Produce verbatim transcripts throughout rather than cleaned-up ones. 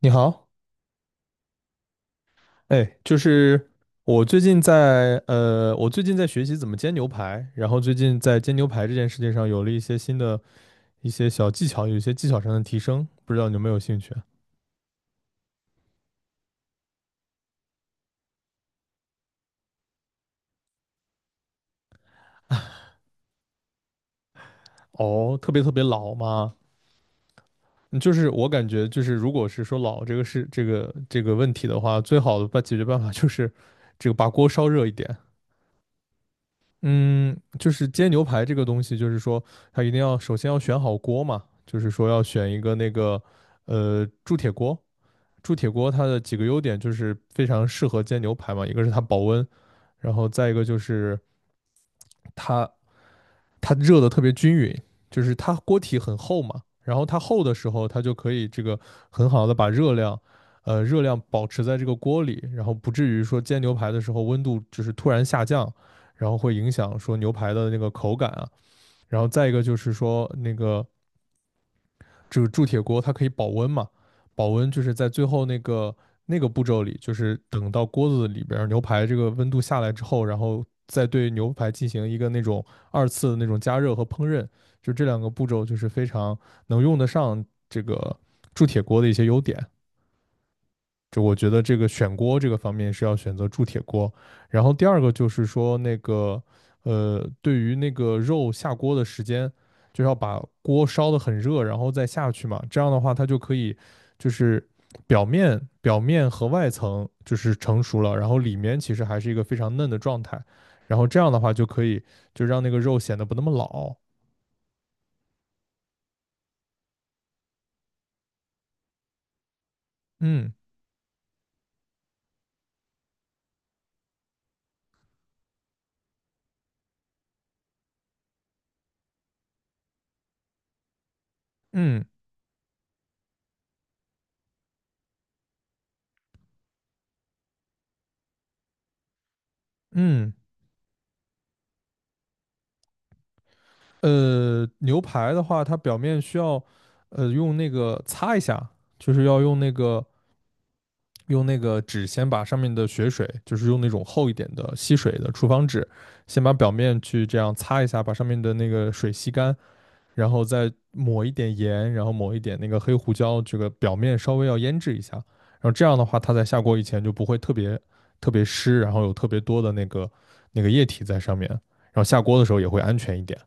你好。哎，就是我最近在呃，我最近在学习怎么煎牛排，然后最近在煎牛排这件事情上有了一些新的一些小技巧，有一些技巧上的提升，不知道你有没有兴趣啊？哦，特别特别老吗？嗯。就是我感觉就是，如果是说老这个是这个这个问题的话，最好的办解决办法就是这个把锅烧热一点。嗯，就是煎牛排这个东西，就是说它一定要首先要选好锅嘛，就是说要选一个那个呃铸铁锅。铸铁锅它的几个优点就是非常适合煎牛排嘛，一个是它保温，然后再一个就是它热的特别均匀，就是它锅体很厚嘛，然后它厚的时候，它就可以这个很好的把热量，呃热量保持在这个锅里，然后不至于说煎牛排的时候温度就是突然下降，然后会影响说牛排的那个口感啊。然后再一个就是说那个这个铸铁锅它可以保温嘛，保温就是在最后那个那个步骤里，就是等到锅子里边牛排这个温度下来之后，然后再对牛排进行一个那种二次的那种加热和烹饪，就这两个步骤就是非常能用得上这个铸铁锅的一些优点。就我觉得这个选锅这个方面是要选择铸铁锅，然后第二个就是说那个呃，对于那个肉下锅的时间，就要把锅烧得很热，然后再下去嘛，这样的话它就可以就是表面表面和外层就是成熟了，然后里面其实还是一个非常嫩的状态，然后这样的话就可以就让那个肉显得不那么老。嗯，嗯，嗯。呃，牛排的话，它表面需要呃用那个擦一下，就是要用那个用那个纸先把上面的血水，就是用那种厚一点的吸水的厨房纸，先把表面去这样擦一下，把上面的那个水吸干，然后再抹一点盐，然后抹一点那个黑胡椒，这个表面稍微要腌制一下，然后这样的话，它在下锅以前就不会特别特别湿，然后有特别多的那个那个液体在上面，然后下锅的时候也会安全一点。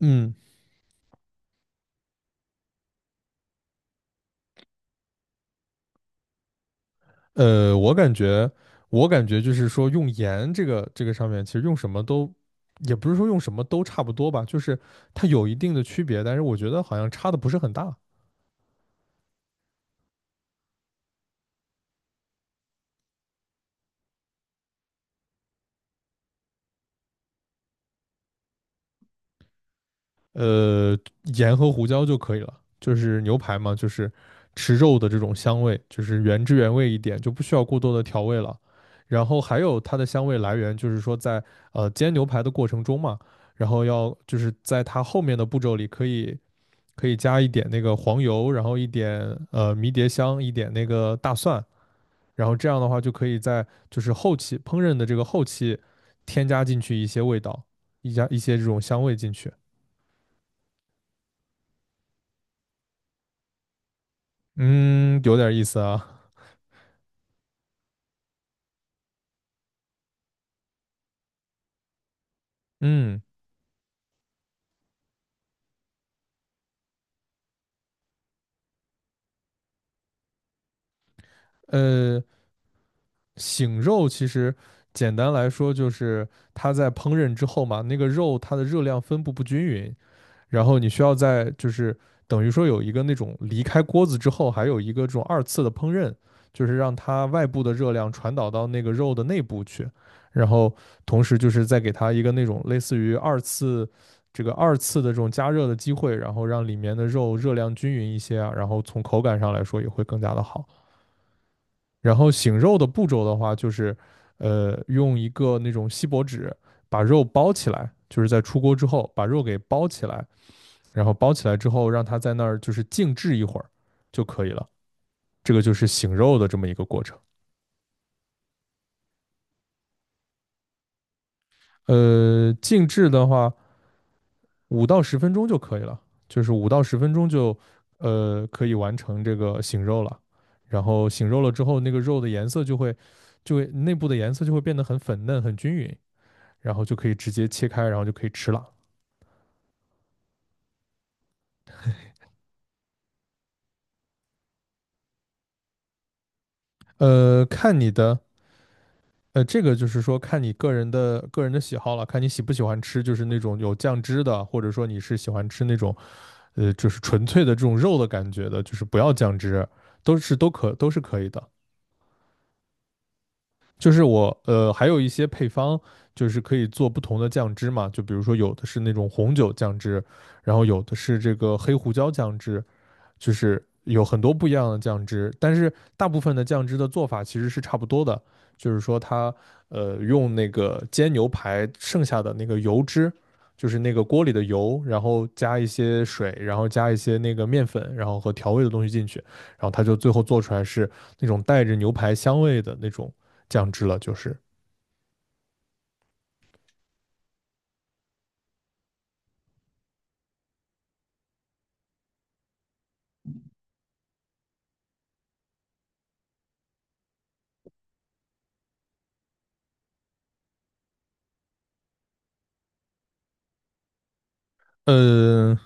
嗯。呃，我感觉，我感觉就是说，用盐这个这个上面，其实用什么都，也不是说用什么都差不多吧，就是它有一定的区别，但是我觉得好像差的不是很大。呃，盐和胡椒就可以了，就是牛排嘛，就是吃肉的这种香味，就是原汁原味一点，就不需要过多的调味了。然后还有它的香味来源，就是说在呃煎牛排的过程中嘛，然后要就是在它后面的步骤里可以。可以加一点那个黄油，然后一点呃迷迭香，一点那个大蒜，然后这样的话就可以在就是后期烹饪的这个后期添加进去一些味道，一加一些这种香味进去。嗯，有点意思啊。嗯。呃，醒肉其实简单来说就是它在烹饪之后嘛，那个肉它的热量分布不均匀，然后你需要在就是等于说有一个那种离开锅子之后，还有一个这种二次的烹饪，就是让它外部的热量传导到那个肉的内部去，然后同时就是再给它一个那种类似于二次这个二次的这种加热的机会，然后让里面的肉热量均匀一些啊，然后从口感上来说也会更加的好。然后醒肉的步骤的话，就是呃用一个那种锡箔纸把肉包起来，就是在出锅之后把肉给包起来。然后包起来之后，让它在那儿就是静置一会儿就可以了。这个就是醒肉的这么一个过程。呃，静置的话，五到十分钟就可以了，就是五到十分钟就呃可以完成这个醒肉了。然后醒肉了之后，那个肉的颜色就会就会内部的颜色就会变得很粉嫩、很均匀，然后就可以直接切开，然后就可以吃了。呃，看你的呃，这个就是说看你个人的个人的喜好了，看你喜不喜欢吃，就是那种有酱汁的，或者说你是喜欢吃那种呃，就是纯粹的这种肉的感觉的，就是不要酱汁，都是都可都是可以的。就是我呃，还有一些配方，就是可以做不同的酱汁嘛，就比如说有的是那种红酒酱汁，然后有的是这个黑胡椒酱汁，就是有很多不一样的酱汁，但是大部分的酱汁的做法其实是差不多的，就是说它呃用那个煎牛排剩下的那个油脂，就是那个锅里的油，然后加一些水，然后加一些那个面粉，然后和调味的东西进去，然后它就最后做出来是那种带着牛排香味的那种酱汁了，就是。嗯。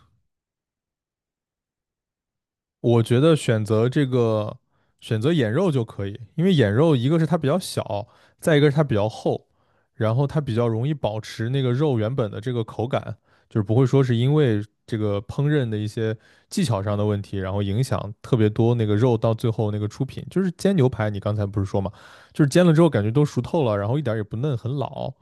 我觉得选择这个选择眼肉就可以，因为眼肉一个是它比较小，再一个是它比较厚，然后它比较容易保持那个肉原本的这个口感，就是不会说是因为这个烹饪的一些技巧上的问题，然后影响特别多那个肉到最后那个出品。就是煎牛排，你刚才不是说嘛，就是煎了之后感觉都熟透了，然后一点儿也不嫩，很老。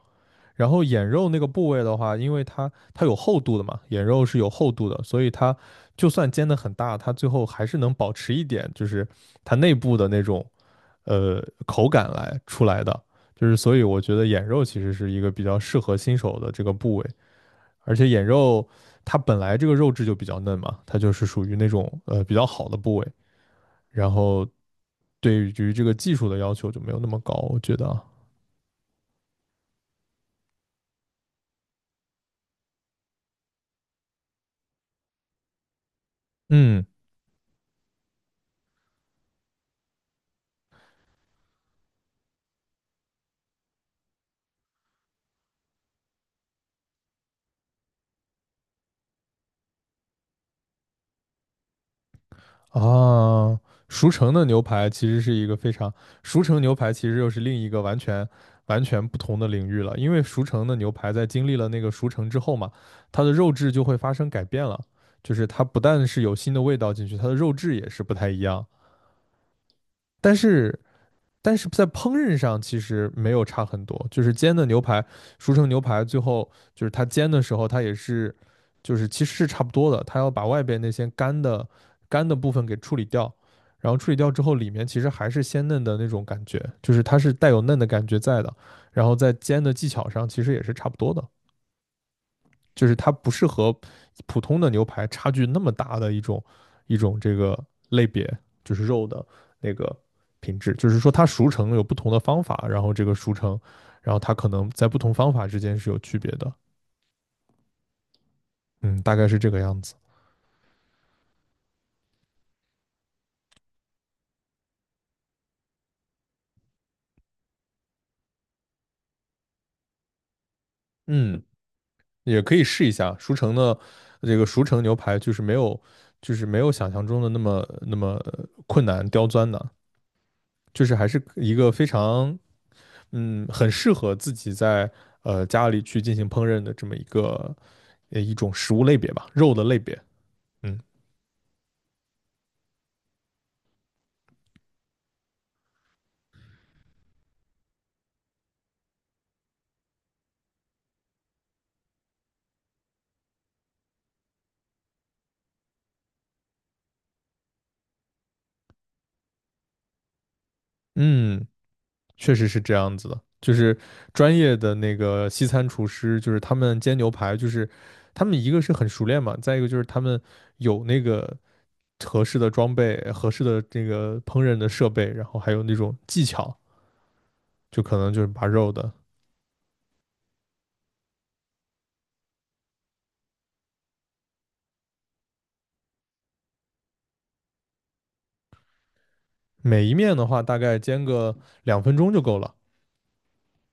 然后眼肉那个部位的话，因为它它有厚度的嘛，眼肉是有厚度的，所以它就算煎的很大，它最后还是能保持一点，就是它内部的那种呃口感来出来的。就是所以我觉得眼肉其实是一个比较适合新手的这个部位，而且眼肉它本来这个肉质就比较嫩嘛，它就是属于那种呃比较好的部位，然后对于这个技术的要求就没有那么高，我觉得啊。嗯。啊，熟成的牛排其实是一个非常，熟成牛排其实又是另一个完全完全不同的领域了，因为熟成的牛排在经历了那个熟成之后嘛，它的肉质就会发生改变了，就是它不但是有新的味道进去，它的肉质也是不太一样。但是但是在烹饪上其实没有差很多，就是煎的牛排，熟成牛排最后就是它煎的时候，它也是，就是其实是差不多的，它要把外边那些干的干的部分给处理掉，然后处理掉之后，里面其实还是鲜嫩的那种感觉，就是它是带有嫩的感觉在的，然后在煎的技巧上其实也是差不多的。就是它不是和普通的牛排差距那么大的一种一种这个类别，就是肉的那个品质，就是说它熟成有不同的方法，然后这个熟成，然后它可能在不同方法之间是有区别的，嗯，大概是这个样子。嗯，也可以试一下熟成的这个熟成牛排，就是没有就是没有想象中的那么那么困难刁钻的，就是还是一个非常嗯，很适合自己在呃家里去进行烹饪的这么一个呃一种食物类别吧，肉的类别。嗯。嗯，确实是这样子的，就是专业的那个西餐厨师，就是他们煎牛排，就是他们一个是很熟练嘛，再一个就是他们有那个合适的装备、合适的这个烹饪的设备，然后还有那种技巧，就可能就是把肉的每一面的话，大概煎个两分钟就够了。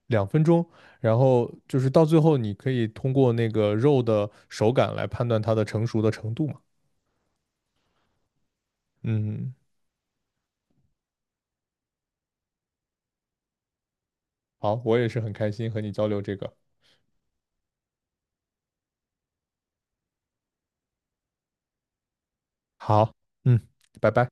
两分钟，然后就是到最后，你可以通过那个肉的手感来判断它的成熟的程度嘛。嗯，好，我也是很开心和你交流这个。好，嗯，拜拜。